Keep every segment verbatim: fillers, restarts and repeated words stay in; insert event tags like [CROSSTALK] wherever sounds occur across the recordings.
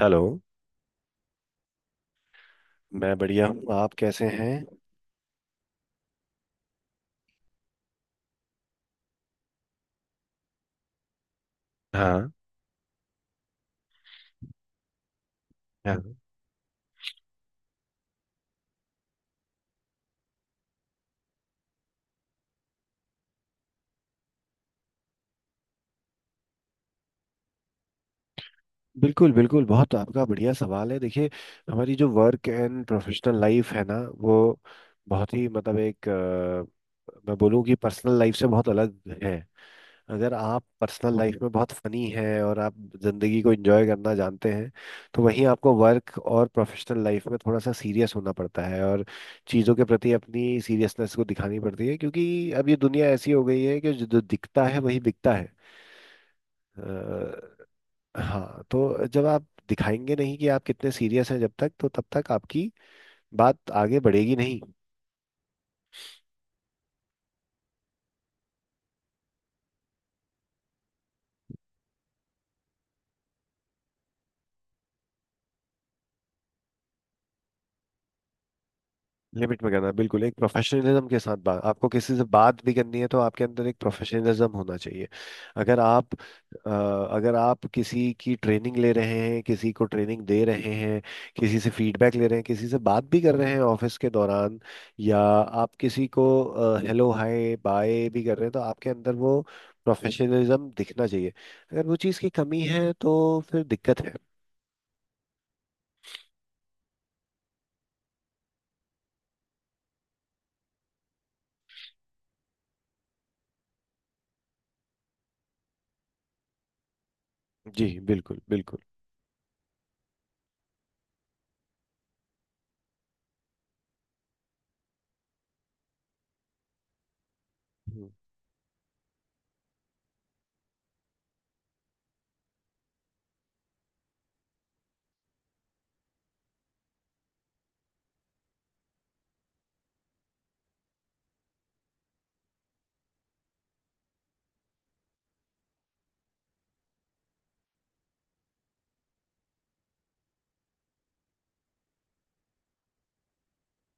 Hello. मैं बढ़िया हूँ, आप कैसे हैं? हाँ। हाँ, बिल्कुल बिल्कुल, बहुत आपका बढ़िया सवाल है। देखिए, हमारी जो वर्क एंड प्रोफेशनल लाइफ है ना, वो बहुत ही मतलब एक अ, मैं बोलूँ कि पर्सनल लाइफ से बहुत अलग है। अगर आप पर्सनल लाइफ में बहुत फनी हैं और आप ज़िंदगी को एंजॉय करना जानते हैं, तो वहीं आपको वर्क और प्रोफेशनल लाइफ में थोड़ा सा सीरियस होना पड़ता है, और चीज़ों के प्रति अपनी सीरियसनेस को दिखानी पड़ती है, क्योंकि अब ये दुनिया ऐसी हो गई है कि जो जो दिखता है वही बिकता है। अ, हाँ, तो जब आप दिखाएंगे नहीं कि आप कितने सीरियस हैं जब तक, तो तब तक आपकी बात आगे बढ़ेगी नहीं। लिमिट में करना, बिल्कुल, एक प्रोफेशनलिज्म के साथ बात, आपको किसी से बात भी करनी है तो आपके अंदर एक प्रोफेशनलिज्म होना चाहिए। अगर आप अ, अगर आप किसी की ट्रेनिंग ले रहे हैं, किसी को ट्रेनिंग दे रहे हैं, किसी से फीडबैक ले रहे हैं, किसी से बात भी कर रहे हैं ऑफिस के दौरान, या आप किसी को हेलो हाय बाय भी कर रहे हैं, तो आपके अंदर वो प्रोफेशनलिज्म दिखना चाहिए। अगर वो चीज़ की कमी है तो फिर दिक्कत है। जी, बिल्कुल बिल्कुल। हम्म।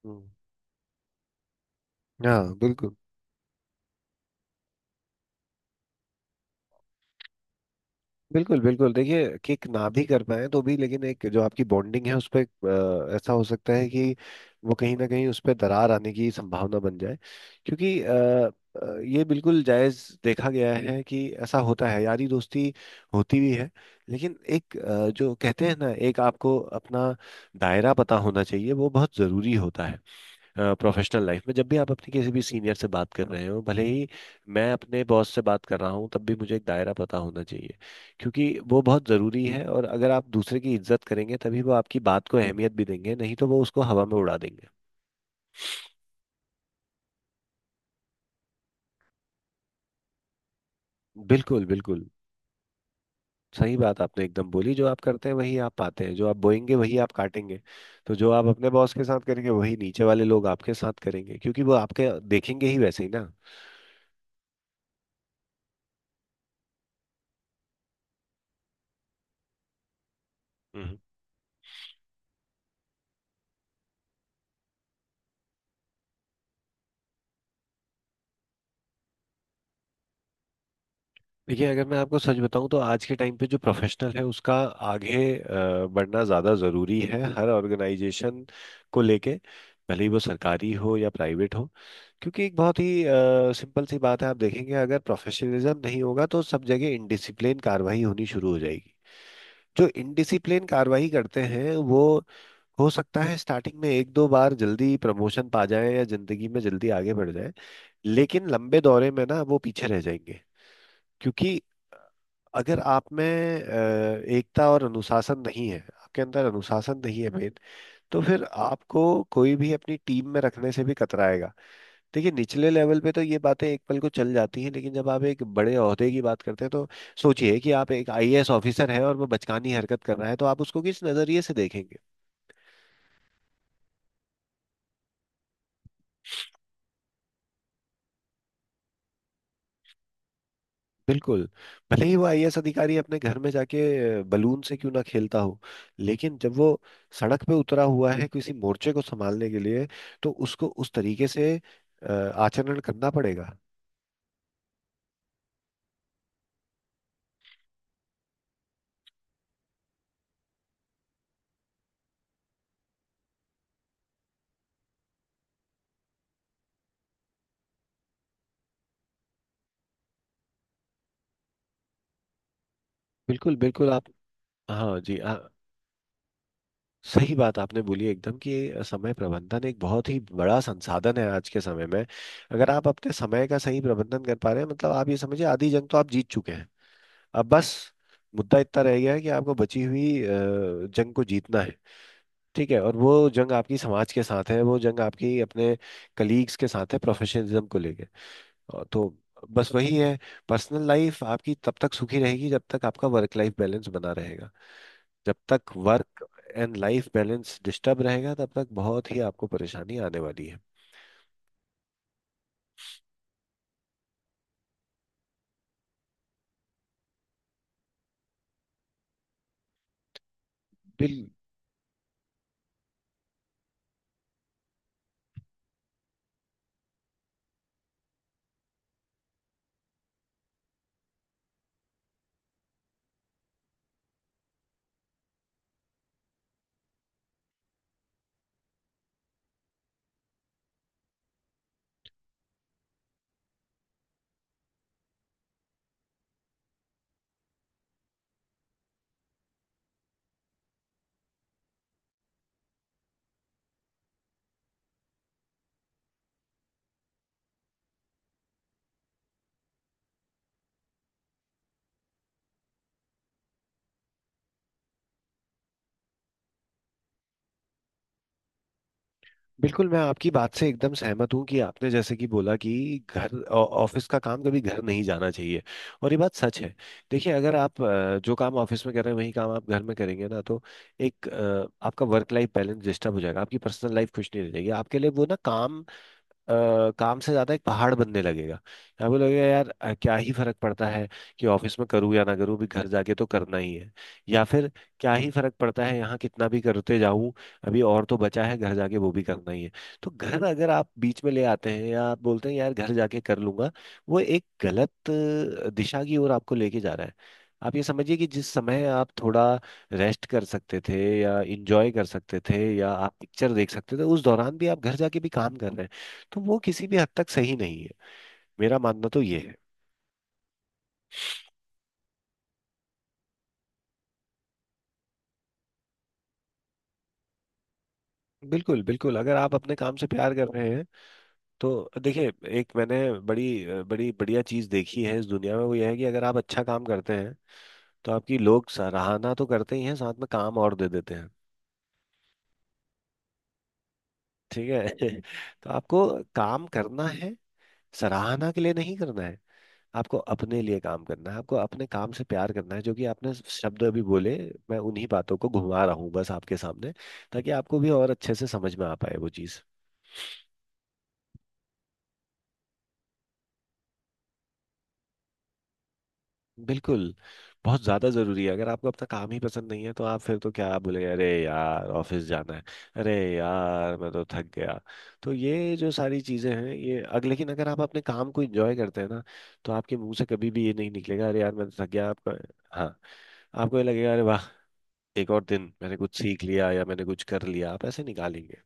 हम्म। हाँ, बिल्कुल। बिल्कुल बिल्कुल, देखिए, किक ना भी कर पाए तो भी, लेकिन एक जो आपकी बॉन्डिंग है उस पर ऐसा हो सकता है कि वो कहीं ना कहीं उस पर दरार आने की संभावना बन जाए। क्योंकि अ, अ, ये बिल्कुल जायज देखा गया है कि ऐसा होता है। यारी दोस्ती होती भी है, लेकिन एक अ, जो कहते हैं ना, एक आपको अपना दायरा पता होना चाहिए, वो बहुत ज़रूरी होता है। प्रोफेशनल लाइफ में जब भी आप अपने किसी भी सीनियर से बात कर रहे हो, भले ही मैं अपने बॉस से बात कर रहा हूँ तब भी मुझे एक दायरा पता होना चाहिए, क्योंकि वो बहुत ज़रूरी है। और अगर आप दूसरे की इज्जत करेंगे तभी वो आपकी बात को अहमियत भी देंगे, नहीं तो वो उसको हवा में उड़ा देंगे। बिल्कुल बिल्कुल। सही बात आपने एकदम बोली, जो आप करते हैं वही आप पाते हैं, जो आप बोएंगे वही आप काटेंगे। तो जो आप अपने बॉस के साथ करेंगे वही नीचे वाले लोग आपके साथ करेंगे, क्योंकि वो आपके देखेंगे ही वैसे ही। ना। देखिए, अगर मैं आपको सच बताऊं तो आज के टाइम पे जो प्रोफेशनल है उसका आगे अ, बढ़ना ज़्यादा ज़रूरी है, हर ऑर्गेनाइजेशन को लेके, भले ही वो सरकारी हो या प्राइवेट हो। क्योंकि एक बहुत ही सिंपल सी बात है, आप देखेंगे अगर प्रोफेशनलिज्म नहीं होगा तो सब जगह इनडिसिप्लिन कार्रवाई होनी शुरू हो जाएगी। जो इनडिसिप्लिन कार्रवाई करते हैं वो हो सकता है स्टार्टिंग में एक दो बार जल्दी प्रमोशन पा जाए या जिंदगी में जल्दी आगे बढ़ जाए, लेकिन लंबे दौरे में ना वो पीछे रह जाएंगे। क्योंकि अगर आप में अ, एकता और अनुशासन नहीं है, आपके अंदर अनुशासन नहीं है मेन, तो फिर आपको कोई भी अपनी टीम में रखने से भी कतराएगा। देखिए निचले लेवल पे तो ये बातें एक पल को चल जाती हैं, लेकिन जब आप एक बड़े ओहदे की बात करते हैं तो सोचिए कि आप एक आईएएस ऑफिसर हैं और वो बचकानी हरकत कर रहा है, तो आप उसको किस नजरिए से देखेंगे? बिल्कुल। भले ही वो आईएएस अधिकारी अपने घर में जाके बलून से क्यों ना खेलता हो, लेकिन जब वो सड़क पे उतरा हुआ है किसी मोर्चे को संभालने के लिए, तो उसको उस तरीके से अ, आचरण करना पड़ेगा। बिल्कुल बिल्कुल। आप। हाँ जी, हाँ। सही बात आपने बोली एकदम, कि समय प्रबंधन एक बहुत ही बड़ा संसाधन है आज के समय में। अगर आप अपने समय का सही प्रबंधन कर पा रहे हैं, मतलब आप ये समझिए आधी जंग तो आप जीत चुके हैं। अब बस, मुद्दा इतना रह गया है कि आपको बची हुई अ, जंग को जीतना है। ठीक है। और वो जंग आपकी समाज के साथ है, वो जंग आपकी अपने कलीग्स के साथ है प्रोफेशनलिज्म को लेके। और तो बस वही है। पर्सनल लाइफ आपकी तब तक सुखी रहेगी जब तक आपका वर्क लाइफ बैलेंस बना रहेगा। जब तक work and life balance disturb रहेगा तब तक बहुत ही आपको परेशानी आने वाली है। बिल बिल्कुल, मैं आपकी बात से एकदम सहमत हूँ कि आपने जैसे कि बोला कि घर ऑ- ऑफिस का काम कभी घर नहीं जाना चाहिए, और ये बात सच है। देखिए, अगर आप अ, जो काम ऑफिस में कर रहे हैं वही काम आप घर में करेंगे ना, तो एक अ, आपका वर्क लाइफ बैलेंस डिस्टर्ब हो जाएगा, आपकी पर्सनल लाइफ खुश नहीं रहेगी, आपके लिए वो ना काम अ, काम से ज्यादा एक पहाड़ बनने लगेगा। आपको लगेगा यार, अ, क्या ही फर्क पड़ता है कि ऑफिस में करूँ या ना करूँ, भी घर जाके तो करना ही है। या फिर क्या ही फर्क पड़ता है यहाँ कितना भी करते जाऊं, अभी और तो बचा है घर जाके वो भी करना ही है। तो घर अगर आप बीच में ले आते हैं या आप बोलते हैं यार घर जाके कर लूंगा, वो एक गलत अ, दिशा की ओर आपको लेके जा रहा है। आप ये समझिए कि जिस समय आप थोड़ा रेस्ट कर सकते थे या इंजॉय कर सकते थे या आप पिक्चर देख सकते थे, उस दौरान भी आप घर जाके भी काम कर रहे हैं, तो वो किसी भी हद तक सही नहीं है, मेरा मानना तो ये है। बिल्कुल बिल्कुल, अगर आप अपने काम से प्यार कर रहे हैं तो देखिए, एक मैंने बड़ी अ, बड़ी बढ़िया चीज़ देखी है इस दुनिया में, वो यह है कि अगर आप अच्छा काम करते हैं तो आपकी लोग सराहना तो करते ही हैं, साथ में काम और दे देते हैं। ठीक है। [LAUGHS] तो आपको काम करना है, सराहना के लिए नहीं करना है। आपको अपने लिए काम करना है, आपको अपने काम से प्यार करना है, जो कि आपने शब्द अभी बोले। मैं उन्हीं बातों को घुमा रहा हूँ बस आपके सामने, ताकि आपको भी और अच्छे से समझ में आ पाए वो चीज़। बिल्कुल। बहुत ज़्यादा ज़रूरी है। अगर आपको अपना काम ही पसंद नहीं है तो आप फिर तो क्या बोले, अरे यार ऑफिस जाना है, अरे यार मैं तो थक गया। तो ये जो सारी चीज़ें हैं, ये अग लेकिन अगर आप अपने काम को इंजॉय करते हैं ना, तो आपके मुंह से कभी भी ये नहीं निकलेगा, अरे यार मैं तो थक गया आपका। हाँ। आपको ये लगेगा अरे वाह, एक और दिन मैंने कुछ सीख लिया या मैंने कुछ कर लिया, आप ऐसे निकालेंगे।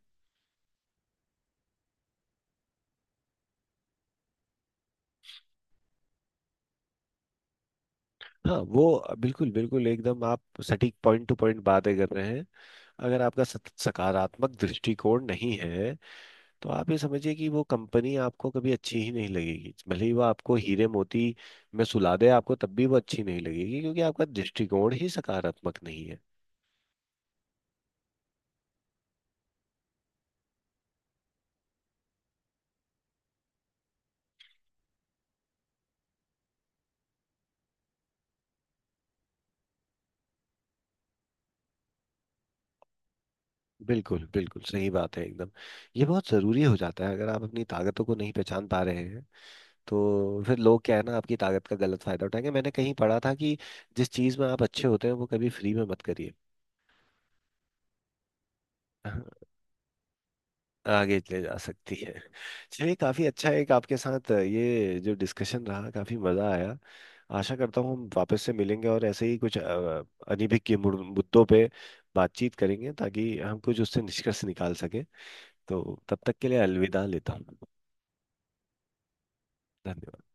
हाँ, वो बिल्कुल बिल्कुल एकदम, आप सटीक पॉइंट टू पॉइंट बातें कर रहे हैं। अगर आपका सत- सकारात्मक दृष्टिकोण नहीं है, तो आप ये समझिए कि वो कंपनी आपको कभी अच्छी ही नहीं लगेगी, भले ही वो आपको हीरे मोती में सुला दे आपको तब भी वो अच्छी नहीं लगेगी, क्योंकि आपका दृष्टिकोण ही सकारात्मक नहीं है। बिल्कुल बिल्कुल सही बात है एकदम। ये बहुत ज़रूरी हो जाता है, अगर आप अपनी ताकतों को नहीं पहचान पा रहे हैं तो फिर लोग क्या है ना, आपकी ताकत का गलत फायदा उठाएंगे। मैंने कहीं पढ़ा था कि जिस चीज में आप अच्छे होते हैं वो कभी फ्री में मत करिए। [LAUGHS] हाँ। आगे ले जा सकती है। चलिए, काफी अच्छा एक आपके साथ ये जो डिस्कशन रहा, काफी मजा आया। आशा करता हूँ हम वापस से मिलेंगे और ऐसे ही कुछ अ, अनभिज्ञ के मुड़- मुद्दों पे बातचीत करेंगे, ताकि हम कुछ उससे निष्कर्ष निकाल सके। तो तब तक के लिए अलविदा लेता हूँ। धन्यवाद।